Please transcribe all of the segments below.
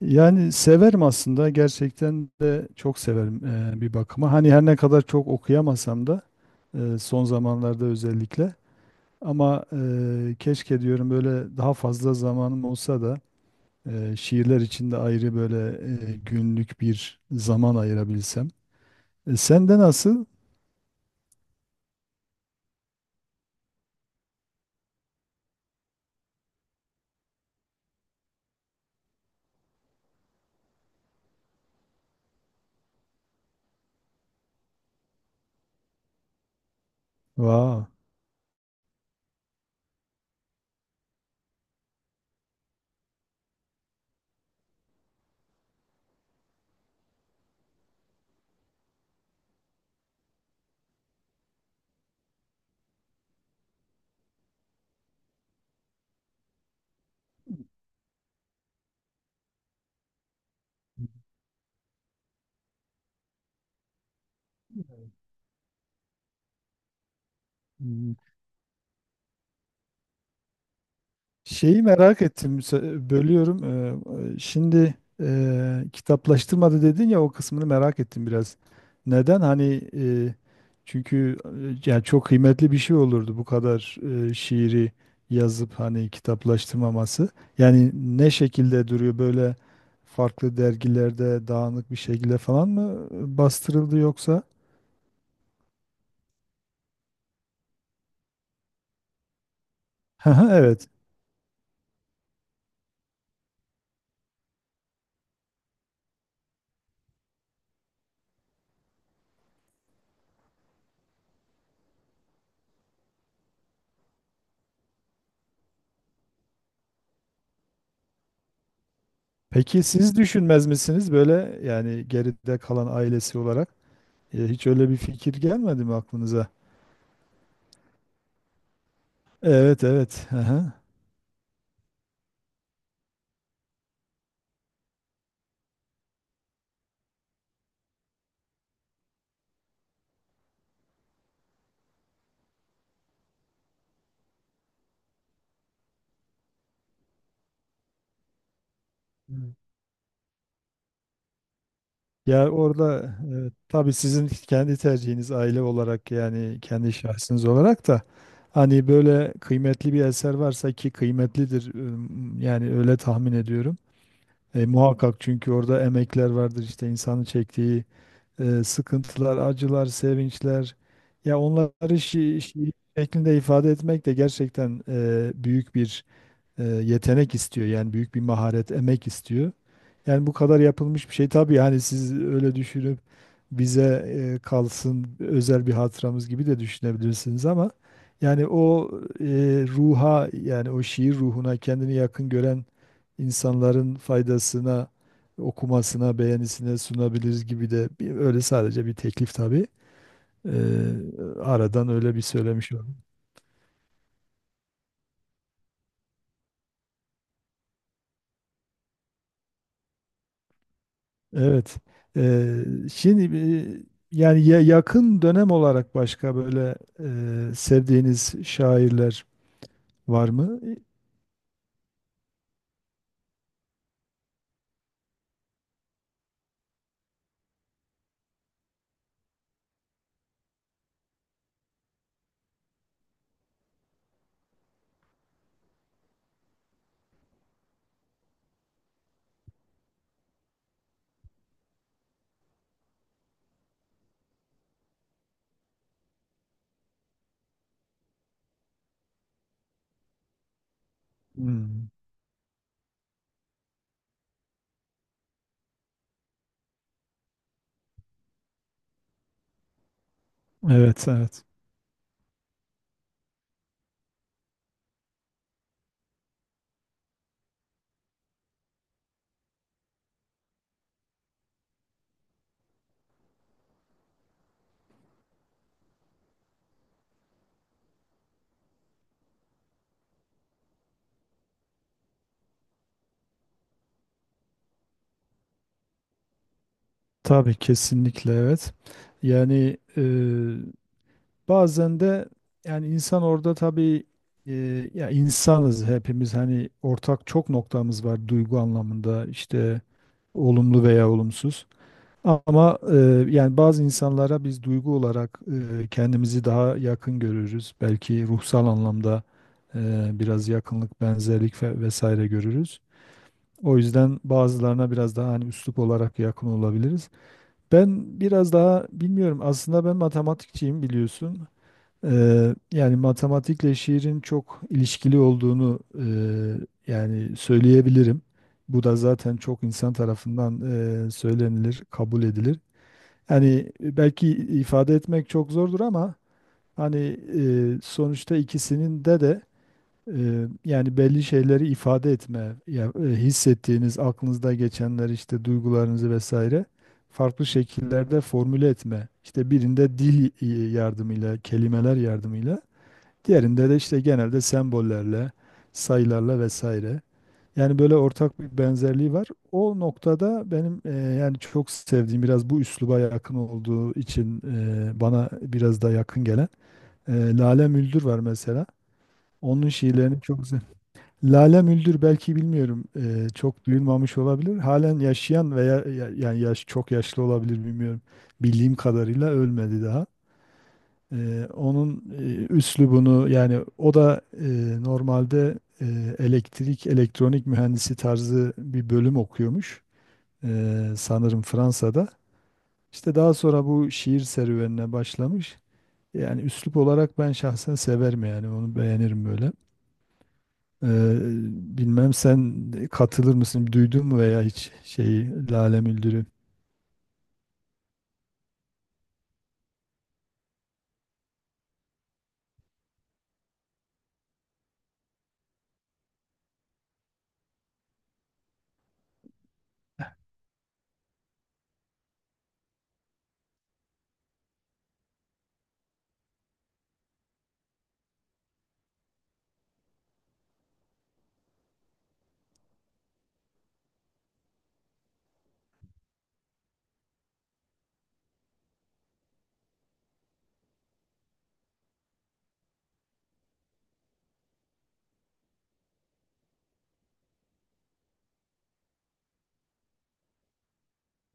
Yani severim aslında gerçekten de çok severim bir bakıma. Hani her ne kadar çok okuyamasam da son zamanlarda özellikle ama keşke diyorum böyle daha fazla zamanım olsa da şiirler için de ayrı böyle günlük bir zaman ayırabilsem. Sende nasıl? Vay. Şeyi merak ettim, bölüyorum. Şimdi kitaplaştırmadı dedin ya, o kısmını merak ettim biraz. Neden? Hani, çünkü yani çok kıymetli bir şey olurdu bu kadar şiiri yazıp hani kitaplaştırmaması. Yani ne şekilde duruyor böyle, farklı dergilerde dağınık bir şekilde falan mı bastırıldı yoksa? Evet. Peki siz düşünmez misiniz böyle, yani geride kalan ailesi olarak? Hiç öyle bir fikir gelmedi mi aklınıza? Evet, evet. Aha. Evet. Ya orada tabii sizin kendi tercihiniz, aile olarak yani kendi şahsınız olarak da hani böyle kıymetli bir eser varsa, ki kıymetlidir, yani öyle tahmin ediyorum. Muhakkak, çünkü orada emekler vardır, işte insanın çektiği sıkıntılar, acılar, sevinçler. Ya onları şiir şeklinde ifade etmek de gerçekten büyük bir yetenek istiyor. Yani büyük bir maharet, emek istiyor. Yani bu kadar yapılmış bir şey, tabii yani siz öyle düşünüp bize kalsın, özel bir hatıramız gibi de düşünebilirsiniz, ama yani o e, ruha, yani o şiir ruhuna kendini yakın gören insanların faydasına, okumasına, beğenisine sunabiliriz gibi de bir, öyle sadece bir teklif tabii. E, Aradan öyle bir söylemiş. Evet. Eee, şimdi yani yakın dönem olarak başka böyle sevdiğiniz şairler var mı? Hmm. Evet, evet. Tabii, kesinlikle, evet. Yani bazen de, yani insan orada tabii ya, insanız hepimiz, hani ortak çok noktamız var duygu anlamında, işte olumlu veya olumsuz. Ama yani bazı insanlara biz duygu olarak kendimizi daha yakın görürüz. Belki ruhsal anlamda biraz yakınlık, benzerlik ve vesaire görürüz. O yüzden bazılarına biraz daha hani üslup olarak yakın olabiliriz. Ben biraz daha bilmiyorum. Aslında ben matematikçiyim, biliyorsun. Yani matematikle şiirin çok ilişkili olduğunu yani söyleyebilirim. Bu da zaten çok insan tarafından söylenilir, kabul edilir. Yani belki ifade etmek çok zordur, ama hani sonuçta ikisinin de yani belli şeyleri ifade etme, ya, hissettiğiniz, aklınızda geçenler, işte duygularınızı vesaire farklı şekillerde formüle etme. İşte birinde dil yardımıyla, kelimeler yardımıyla, diğerinde de işte genelde sembollerle, sayılarla vesaire. Yani böyle ortak bir benzerliği var. O noktada benim yani çok sevdiğim, biraz bu üsluba yakın olduğu için bana biraz da yakın gelen Lale Müldür var mesela. Onun şiirlerini çok güzel. Lale Müldür, belki bilmiyorum, çok duyulmamış olabilir. Halen yaşayan veya yani yaş çok yaşlı olabilir, bilmiyorum. Bildiğim kadarıyla ölmedi daha. Onun üslubunu, yani o da normalde elektrik elektronik mühendisi tarzı bir bölüm okuyormuş. Sanırım Fransa'da. İşte daha sonra bu şiir serüvenine başlamış. Yani üslup olarak ben şahsen severim, yani onu beğenirim böyle. Ee, bilmem sen katılır mısın? Duydun mu veya hiç şeyi, Lale Müldür'ü?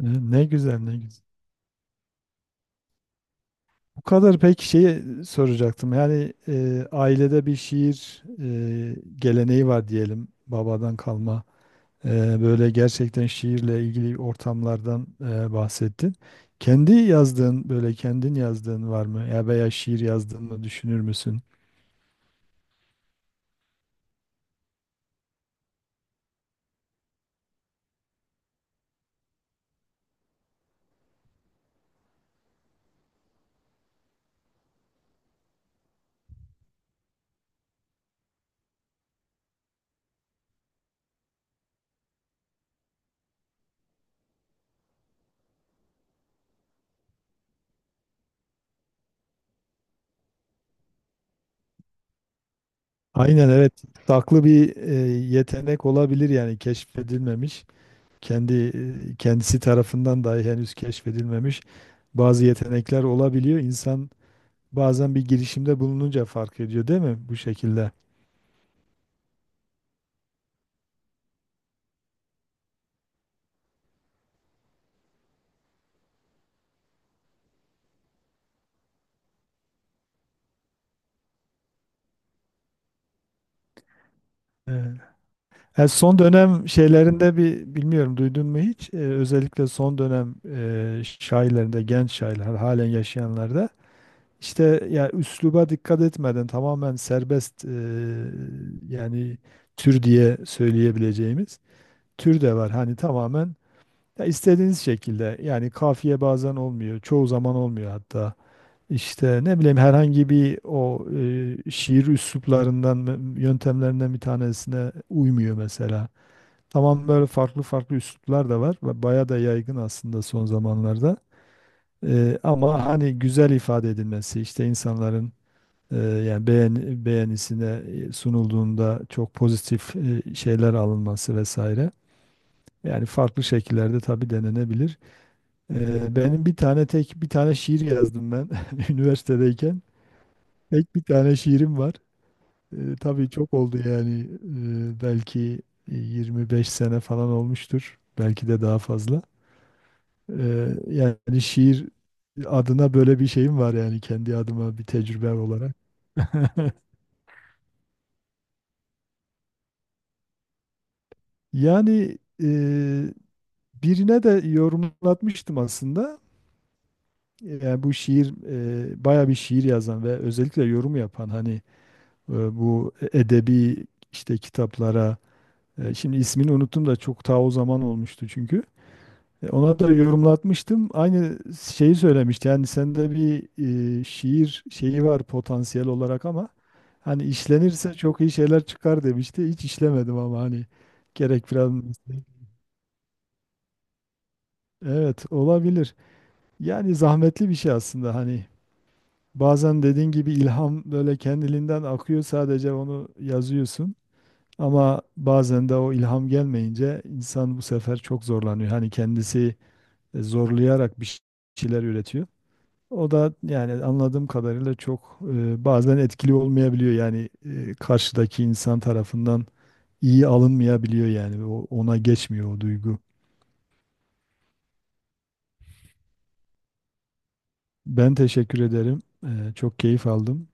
Ne güzel, ne güzel. Bu kadar, peki şeyi soracaktım. Yani ailede bir şiir geleneği var diyelim, babadan kalma. Böyle gerçekten şiirle ilgili ortamlardan bahsettin. Kendi yazdığın, böyle kendin yazdığın var mı? Ya, veya şiir yazdığını düşünür müsün? Aynen, evet. Saklı bir yetenek olabilir, yani keşfedilmemiş. Kendi kendisi tarafından dahi henüz keşfedilmemiş bazı yetenekler olabiliyor İnsan Bazen bir girişimde bulununca fark ediyor, değil mi, bu şekilde? Evet. Son dönem şeylerinde bir bilmiyorum, duydun mu hiç? Özellikle son dönem şairlerinde, genç şairler, halen yaşayanlarda, işte ya üsluba dikkat etmeden tamamen serbest, yani tür diye söyleyebileceğimiz tür de var. Hani tamamen ya istediğiniz şekilde, yani kafiye bazen olmuyor, çoğu zaman olmuyor hatta. İşte ne bileyim, herhangi bir o şiir üsluplarından, yöntemlerinden bir tanesine uymuyor mesela. Tamam, böyle farklı farklı üsluplar da var ve baya da yaygın aslında son zamanlarda. Ama hani güzel ifade edilmesi, işte insanların yani beğenisine sunulduğunda çok pozitif şeyler alınması vesaire. Yani farklı şekillerde tabii denenebilir. Benim bir tane tek bir tane şiir yazdım ben üniversitedeyken. Tek bir tane şiirim var. Tabii çok oldu yani. Belki 25 sene falan olmuştur. Belki de daha fazla. Yani şiir adına böyle bir şeyim var, yani kendi adıma bir tecrübem olarak. Yani e, birine de yorumlatmıştım aslında. Yani bu şiir baya bir şiir yazan ve özellikle yorum yapan hani bu edebi, işte kitaplara şimdi ismini unuttum da, çok ta o zaman olmuştu çünkü. Ona da yorumlatmıştım. Aynı şeyi söylemişti. Yani sende bir şiir şeyi var potansiyel olarak, ama hani işlenirse çok iyi şeyler çıkar, demişti. Hiç işlemedim, ama hani gerek biraz. Evet, olabilir. Yani zahmetli bir şey aslında, hani bazen dediğin gibi ilham böyle kendiliğinden akıyor, sadece onu yazıyorsun. Ama bazen de o ilham gelmeyince insan bu sefer çok zorlanıyor. Hani kendisi zorlayarak bir şeyler üretiyor. O da yani anladığım kadarıyla çok bazen etkili olmayabiliyor. Yani karşıdaki insan tarafından iyi alınmayabiliyor yani. O, ona geçmiyor o duygu. Ben teşekkür ederim. Çok keyif aldım.